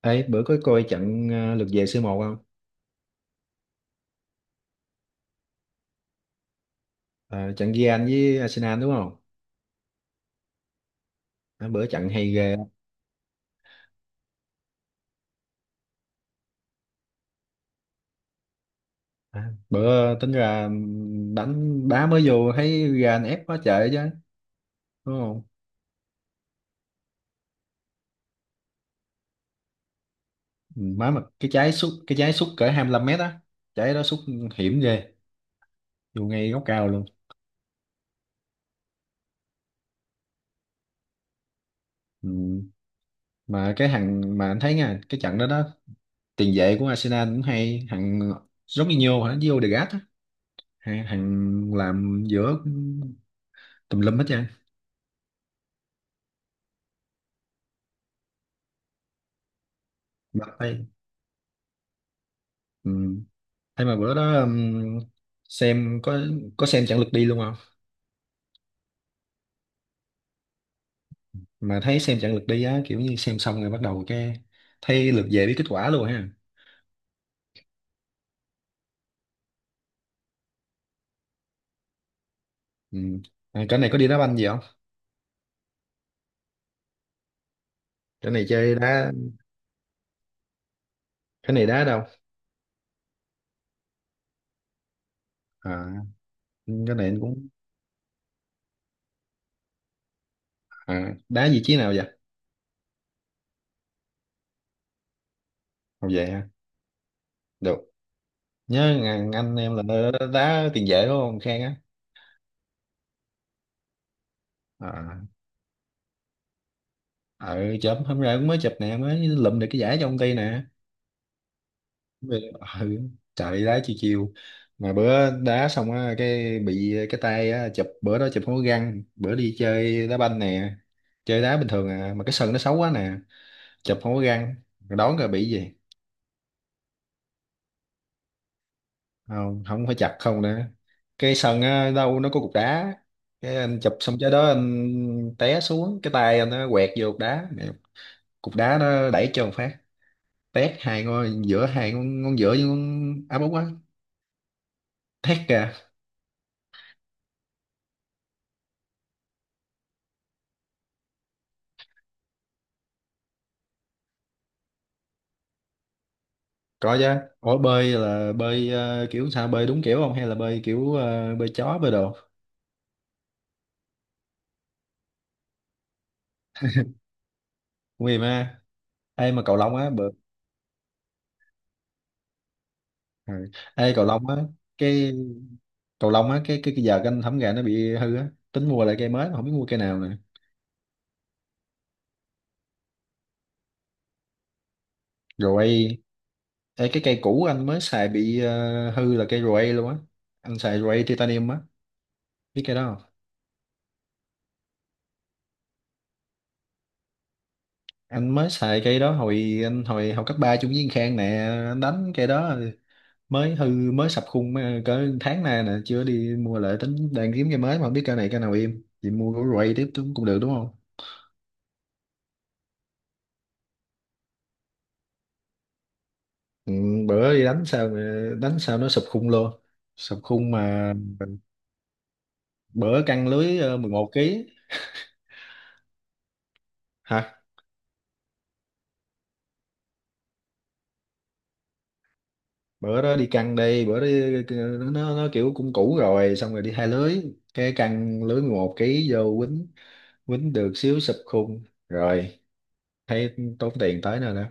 Ê, bữa có coi trận lượt về C1 không? Ờ, trận Real với Arsenal đúng không? À, bữa trận hay ghê. À, bữa tính ra đánh đá mới vô thấy Real ép quá trời chứ, đúng không? Ừ, má mà cái trái sút cỡ 25 mét á, trái đó sút hiểm ghê, vô ngay góc cao luôn. Ừ. Mà cái thằng mà anh thấy nha, cái trận đó đó tiền vệ của Arsenal cũng hay, thằng Jorginho hả, với Odegaard á, thằng thằng làm giữa cũng tùm lum hết trơn. Mặt tay. Ừ. Thế mà bữa đó xem có xem chặng lượt đi luôn không? Mà thấy xem chặng lượt đi á, kiểu như xem xong rồi bắt đầu cái thấy lượt về biết kết quả luôn ha. Ừ. À, cái này có đi đá banh gì không? Cái này chơi đá, cái này đá đâu? À, cái này anh cũng à, đá vị trí nào vậy? Không vậy ha. Được. Nhớ ngàn anh em là đá tiền vệ đúng không Khang á? À, ờ chớm hôm nay cũng mới chụp nè, mới lụm được cái giải cho công ty nè. Đúng rồi. Ừ, trời đi đá chiều chiều, mà bữa đá xong á cái bị cái tay á, chụp bữa đó chụp không có găng, bữa đi chơi đá banh nè, chơi đá bình thường à mà cái sân nó xấu quá nè, chụp không có găng rồi đón rồi bị gì, không không phải chặt không nữa. Cái sân á đâu nó có cục đá, cái anh chụp xong cái đó anh té xuống, cái tay anh nó quẹt vô cục đá. Mẹ, cục đá nó đẩy cho một phát, tét hai ngón giữa, hai ngón, ngón giữa với ngón áp út á, thét kìa. Có chứ. Ủa bơi là bơi kiểu sao, bơi đúng kiểu không hay là bơi kiểu bơi chó bơi đồ? Nguy mà. Ê mà cầu lông á bự. Ừ. Ê cầu lông á, cái cái giờ anh thấm gà nó bị hư á, tính mua lại cây mới mà không biết mua cây nào nè. Rồi ê, cái cây cũ anh mới xài bị hư là cây rồi luôn á. Anh xài rồi titanium á, biết cây đó không? Anh mới xài cây đó hồi anh hồi học cấp ba chung với thằng Khang nè, anh đánh cây đó mới hư, mới sập khung mới- ờ, cỡ tháng nay nè, chưa đi mua lại, tính đang kiếm cái mới mà không biết cái này cái nào, im chị mua của Ray tiếp cũng cũng được đúng không? Ừ, bữa đi đánh sao, ờ, đánh sao nó sập khung luôn, sập khung mà. Bữa căng lưới ờ, 11 ký. Hả? Bữa đó đi căng đây bữa đó, nó kiểu cũng cũ rồi, xong rồi đi hai lưới, cái căng lưới 11 ký vô quýnh, quýnh được xíu sập khung. Rồi, thấy tốn tiền tới nơi đó.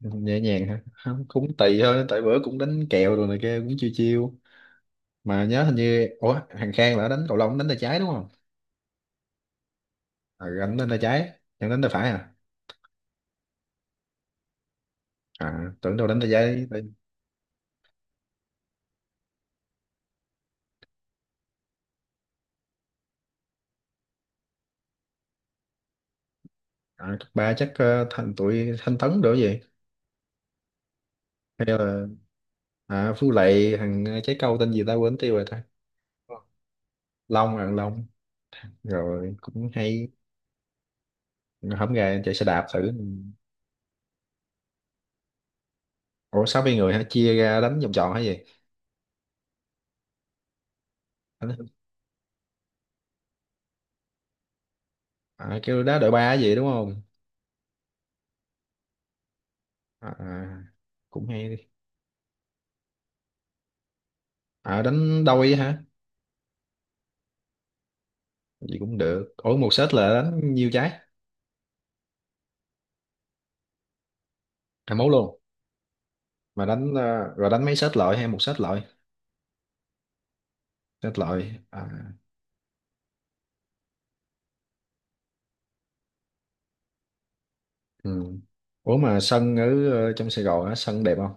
Nhẹ nhàng hả, không cũng tùy thôi, tại bữa cũng đánh kèo rồi này kia, cũng chiêu chiêu. Mà nhớ hình như ủa thằng Khang là đánh cầu lông đánh tay trái đúng không? À, anh đánh tay trái, chẳng đánh tay phải à? À tưởng đâu đánh tay trái. À, cấp ba chắc thành tụi Thanh Tấn được gì, hay là à, Phú Lệ thằng trái câu tên gì ta, quên tiêu rồi ta. Long à, Long, rồi cũng hay. Hôm nay chạy xe đạp thử. Ủa 60 người hả, chia ra đánh vòng tròn hay gì? Đánh- à, kêu đá đội ba hay gì đúng không? À, à, cũng hay đi. À đánh đôi hả, gì cũng được. Ủa một set là đánh nhiêu trái? À mấu luôn. Mà đánh rồi đánh mấy set loại hay một set loại? Set loại à. Ừ. Ủa mà sân ở trong Sài Gòn á sân đẹp không?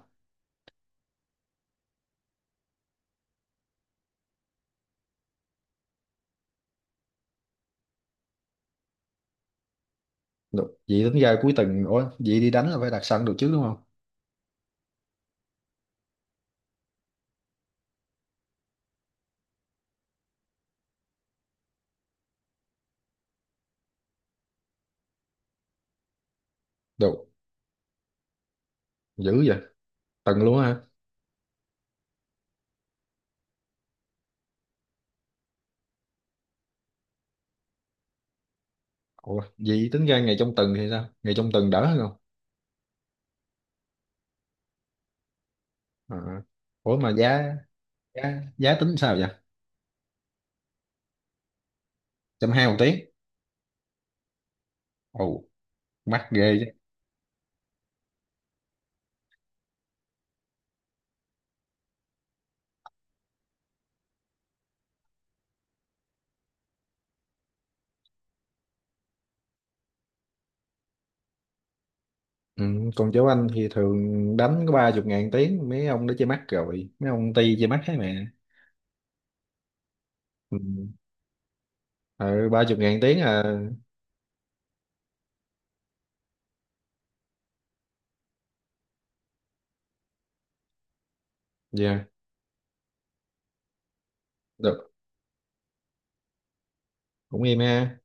Được vậy tính ra cuối tuần, ủa vậy đi đánh là phải đặt sân được chứ đúng không? Được, dữ vậy, tuần luôn hả? Ủa vậy tính ra ngày trong tuần thì sao, ngày trong tuần đỡ hơn không? À. Ủa mà giá, giá tính sao vậy? Trăm hai một tiếng. Ồ, mắc ghê. Ừ, còn cháu anh thì thường đánh có 30 chục ngàn tiếng, mấy ông đó chơi mắt rồi, mấy ông ti chơi mắt hết mẹ. Ừ. Ờ 30 chục ngàn tiếng à. Dạ. Được. Cũng im ha.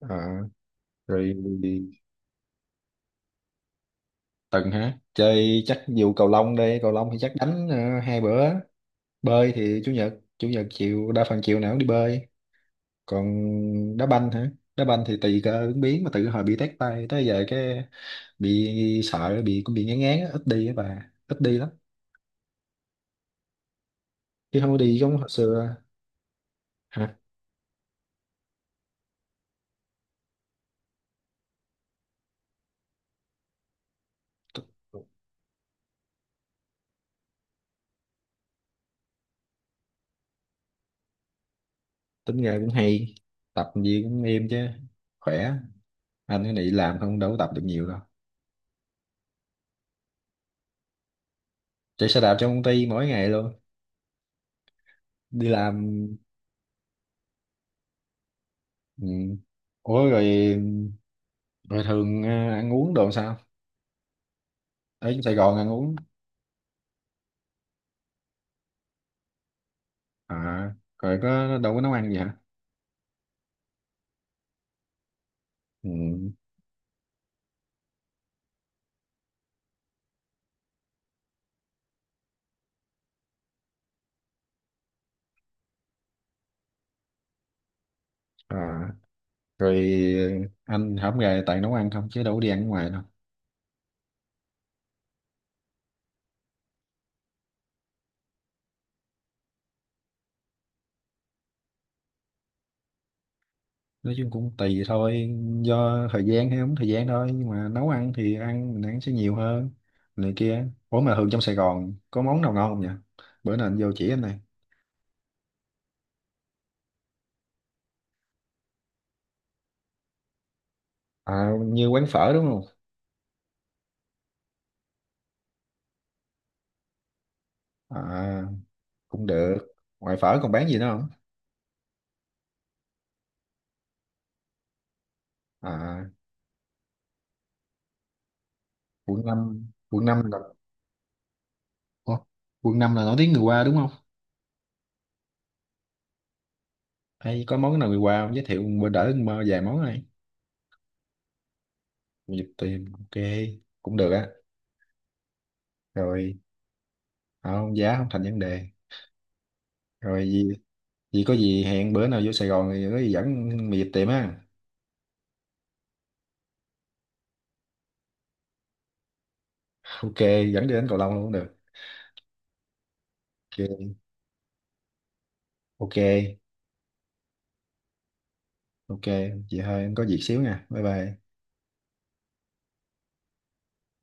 Ờ. Rồi tuần hả, chơi chắc vụ cầu lông đây, cầu lông thì chắc đánh hai bữa, bơi thì chủ nhật, chủ nhật chiều đa phần chiều nào cũng đi bơi, còn đá banh hả, đá banh thì tùy cơ ứng biến, mà từ hồi bị tét tay tới giờ cái bị sợ, bị cũng bị ngán ngán á, ít đi á, bà ít đi lắm, chứ không có đi giống hồi xưa. T- tính ra cũng hay, tập gì cũng êm chứ, khỏe. Anh cái này làm không đâu có tập được nhiều đâu. Chạy xe đạp trong công ty mỗi ngày luôn, đi làm. Ừ. Ủa rồi, rồi thường ăn uống đồ sao, ở Sài Gòn ăn uống? À rồi có đâu có nấu ăn gì hả? Ừ. À rồi anh không về tại nấu ăn không, chứ đâu có đi ăn ngoài đâu. Nói chung cũng tùy thôi, do thời gian hay không thời gian thôi, nhưng mà nấu ăn thì ăn mình ăn sẽ nhiều hơn này kia. Ủa mà thường trong Sài Gòn có món nào ngon không nhỉ, bữa nào anh vô chỉ anh này. À, như quán phở đúng không? À cũng được, ngoài phở còn bán gì nữa không? À. Quận năm là. Ủa? Quận năm là nổi tiếng người qua đúng không? Hay có món nào người qua không, giới thiệu bữa đỡ mơ vài món này. Mình tìm ok, cũng được á. Rồi. À, không, giá không thành vấn đề. Rồi gì, vì có gì hẹn bữa nào vô Sài Gòn thì có gì dẫn mày dịp tiệm á. Ok, dẫn đi đến cầu lông luôn cũng được. Ok, ok, ok. Chị hơi em có việc xíu nha. Bye bye.